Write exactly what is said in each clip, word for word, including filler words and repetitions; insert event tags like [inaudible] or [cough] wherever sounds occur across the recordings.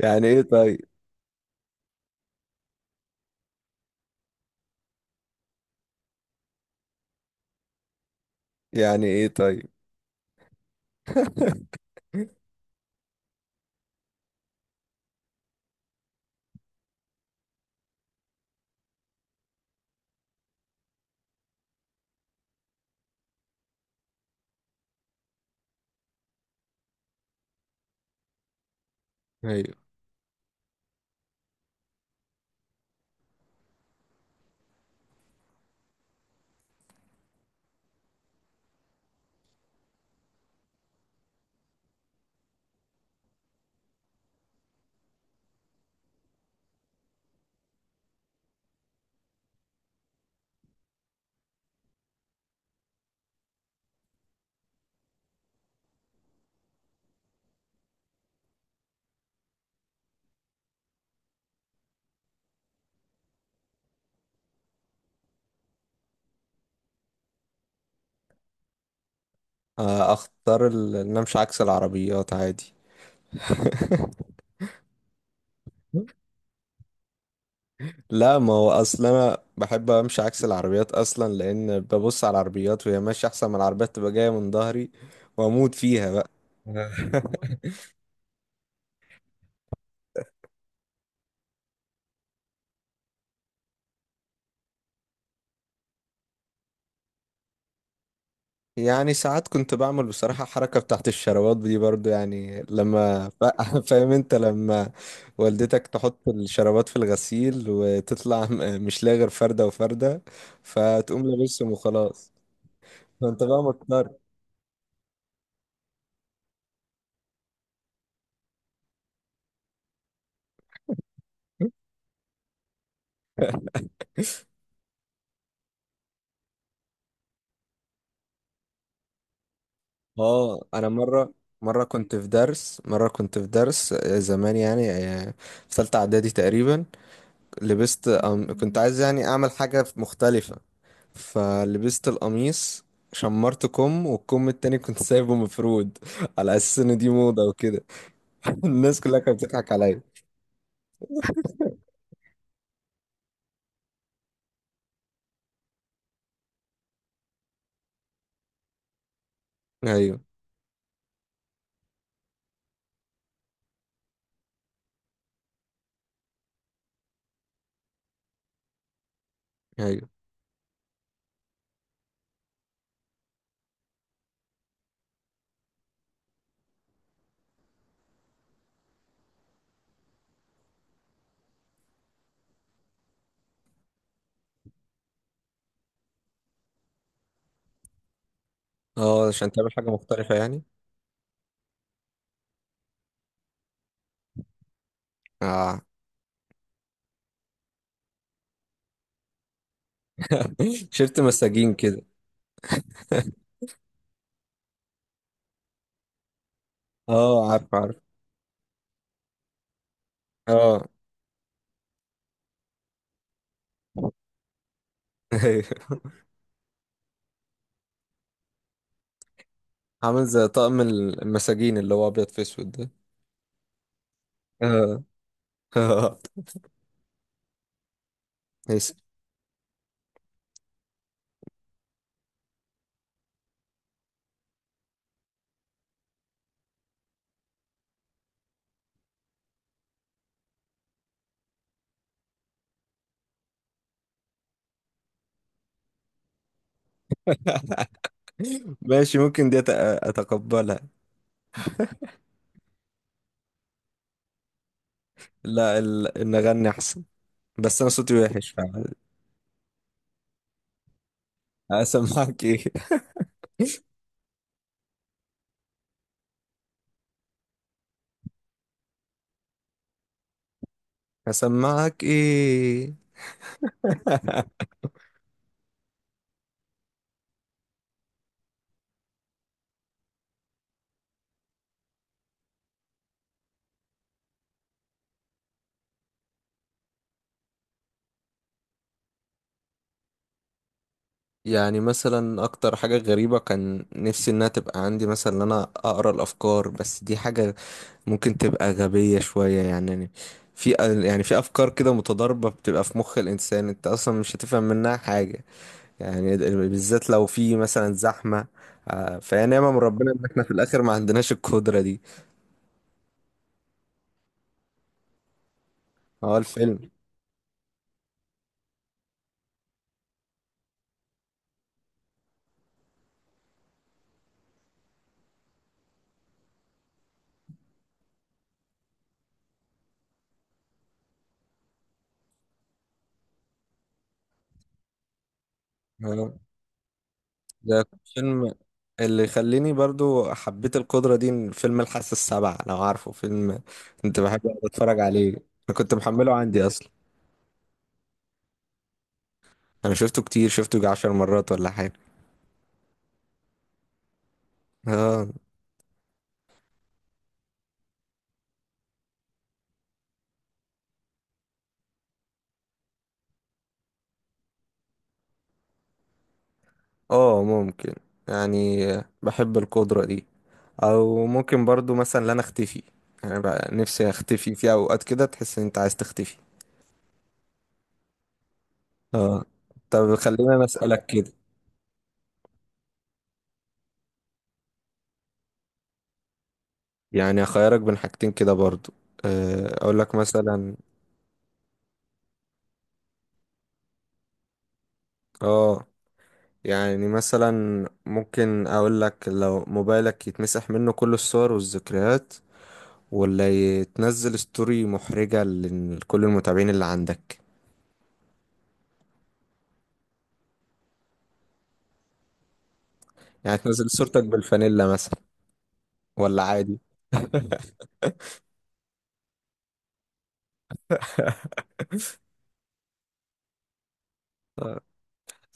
يعني ايه طيب؟ يعني ايه طيب؟ ايوه [laughs] آه، اختار ال- ان أنا امشي عكس العربيات عادي. لا، ما هو اصلا انا بحب امشي عكس العربيات اصلا، لان ببص على العربيات وهي ماشيه احسن ما العربيات تبقى جايه من ظهري واموت فيها بقى. [laughs] يعني ساعات كنت بعمل بصراحه حركه بتاعت الشروات دي برضو، يعني لما فا- [laughs] فاهم انت لما والدتك تحط الشرابات في الغسيل وتطلع م- مش لاقي غير فردة وفردة، فتقوم لابسهم وخلاص. ما انت بقى مضطر. اه، انا مره. مره كنت في درس مره كنت في درس، آه، زمان يعني، آه، في ثالثه اعدادي تقريبا. لبست أم... كنت عايز يعني اعمل حاجه مختلفه، فلبست القميص، شمرت كم والكم التاني كنت سايبه مفرود [laughs] على اساس ان دي موضه وكده. [laughs] الناس كلها كانت بتضحك عليا. ايوه. ايوه. اه، عشان تعمل حاجه مختلفه يعني. اه. [laughs] شفت مساجين كده. اه، عارف عارف. اه. [laughs] عامل زي طقم المساجين اللي هو ابيض في اسود ده. آه. [laughs] آه. ماشي. ماشي، ممكن دي أت- اتقبلها. لا ال... ان اغني احسن، بس انا صوتي وحش فعلا. هسمعك ايه؟ [laughs] هسمعك ايه؟ يعني مثلا اكتر حاجة غريبة كان نفسي انها تبقى عندي، مثلا ان انا اقرا الافكار، بس دي حاجة ممكن تبقى غبية شوية يعني. في يعني في افكار كده متضاربة بتبقى في مخ الانسان، انت اصلا مش هتفهم منها حاجة يعني، بالذات لو في مثلا زحمة. آه، فهي نعمة من ربنا إن إحنا في الآخر ما عندناش القدرة دي. هو الفيلم. آه، ده فيلم اللي يخليني برضو حبيت القدرة دي، إن فيلم الحاسة السابعة لو عارفه فيلم، كنت بحب أقعد أتفرج عليه. أنا كنت محمله عندي أصلا. أنا شفته كتير، شفته يجي عشر مرات ولا حاجة. آه. آه، ممكن يعني، بحب القدرة دي، أو ممكن برضو مثلا إن أنا أختفي، يعني بقى نفسي أختفي في أوقات كده تحس إن أنت عايز تختفي. اه. طب خلينا انا اسالك كده، يعني اخيرك بين حاجتين كده برضو. آه، اقول لك مثلا. اه، يعني مثلا ممكن اقول لك لو موبايلك يتمسح منه كل الصور والذكريات، ولا يتنزل ستوري محرجة لكل المتابعين اللي عندك. يعني تنزل صورتك بالفانيلا مثلا، ولا عادي.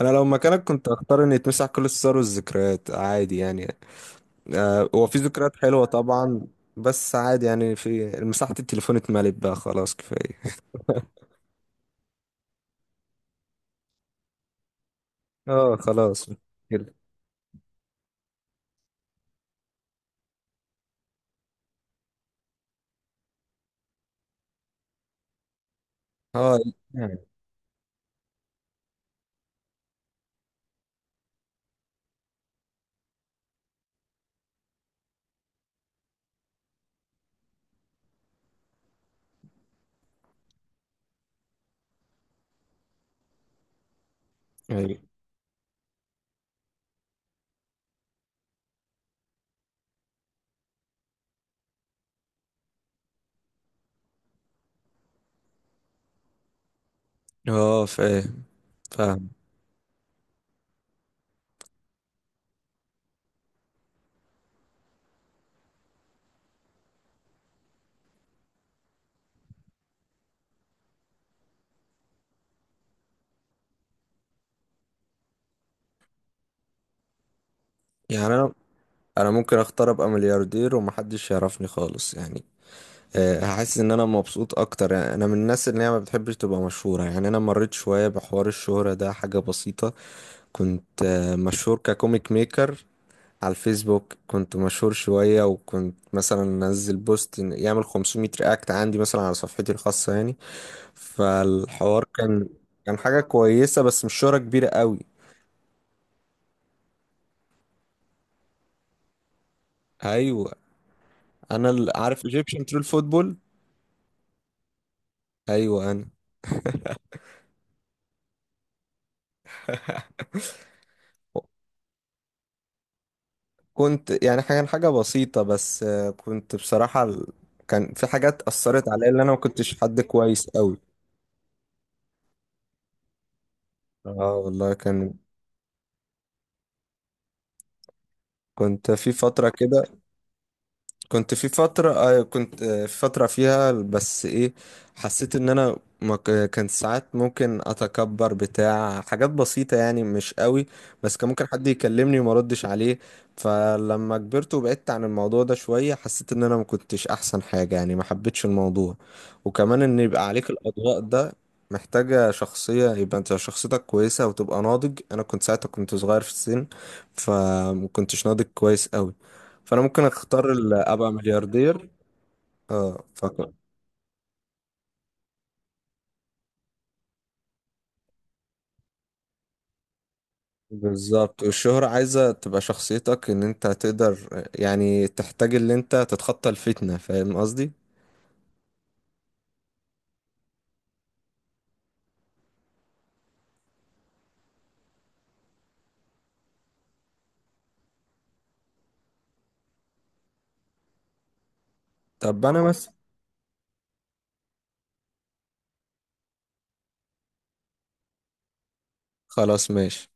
انا لو مكانك كنت اختار ان يتمسح كل الصور والذكريات عادي يعني. آه، هو في ذكريات حلوة طبعا، بس عادي يعني، في مساحة التليفون اتملت بقى خلاص كفاية. اه خلاص كده. اه. يعني يعني- اه فاهم. فاهم يعني. انا انا ممكن اختار ابقى ملياردير ومحدش يعرفني خالص يعني. آه، هحس ان انا مبسوط اكتر يعني. انا من الناس اللي هي ما بتحبش تبقى مشهورة. يعني انا مريت شوية بحوار الشهرة ده، حاجة بسيطة. كنت آه، مشهور ككوميك ميكر على الفيسبوك، كنت مشهور شوية، وكنت مثلا انزل بوست إن- يعمل خمسميت رياكت عندي مثلا على صفحتي الخاصة يعني. فالحوار كان كان حاجة كويسة، بس مش شهرة كبيرة قوي. ايوه، انا ال- عارف ايجيبشن ترول فوتبول. ايوه انا. [laughs] كنت يعني حاجة حاجة بسيطة، بس آه، كنت بصراحة ال- كان في حاجات أثرت عليا، اللي أنا ما كنتش حد كويس أوي. اه والله، كان كنت في فترة كده، كنت في فترة آه، كنت آه، في فترة فيها بس ايه، حسيت ان انا ما ك- كان ساعات ممكن اتكبر بتاع حاجات بسيطة يعني، مش قوي، بس كان ممكن حد يكلمني وما ردش عليه. فلما كبرت وبعدت عن الموضوع ده شوية، حسيت ان انا ما كنتش احسن حاجة يعني، ما حبيتش الموضوع. وكمان ان يبقى عليك الاضواء ده محتاجة شخصية، يبقى انت شخصيتك كويسة وتبقى ناضج، انا كنت ساعتها كنت صغير في السن، فما كنتش ناضج كويس قوي. فانا ممكن اختار ال- ابقى ملياردير. اه فك... بالظبط. والشهرة عايزة تبقى شخصيتك، ان انت تقدر يعني تحتاج اللي انت تتخطى الفتنة، فاهم قصدي. طب انا مثلا. خلاص ماشي.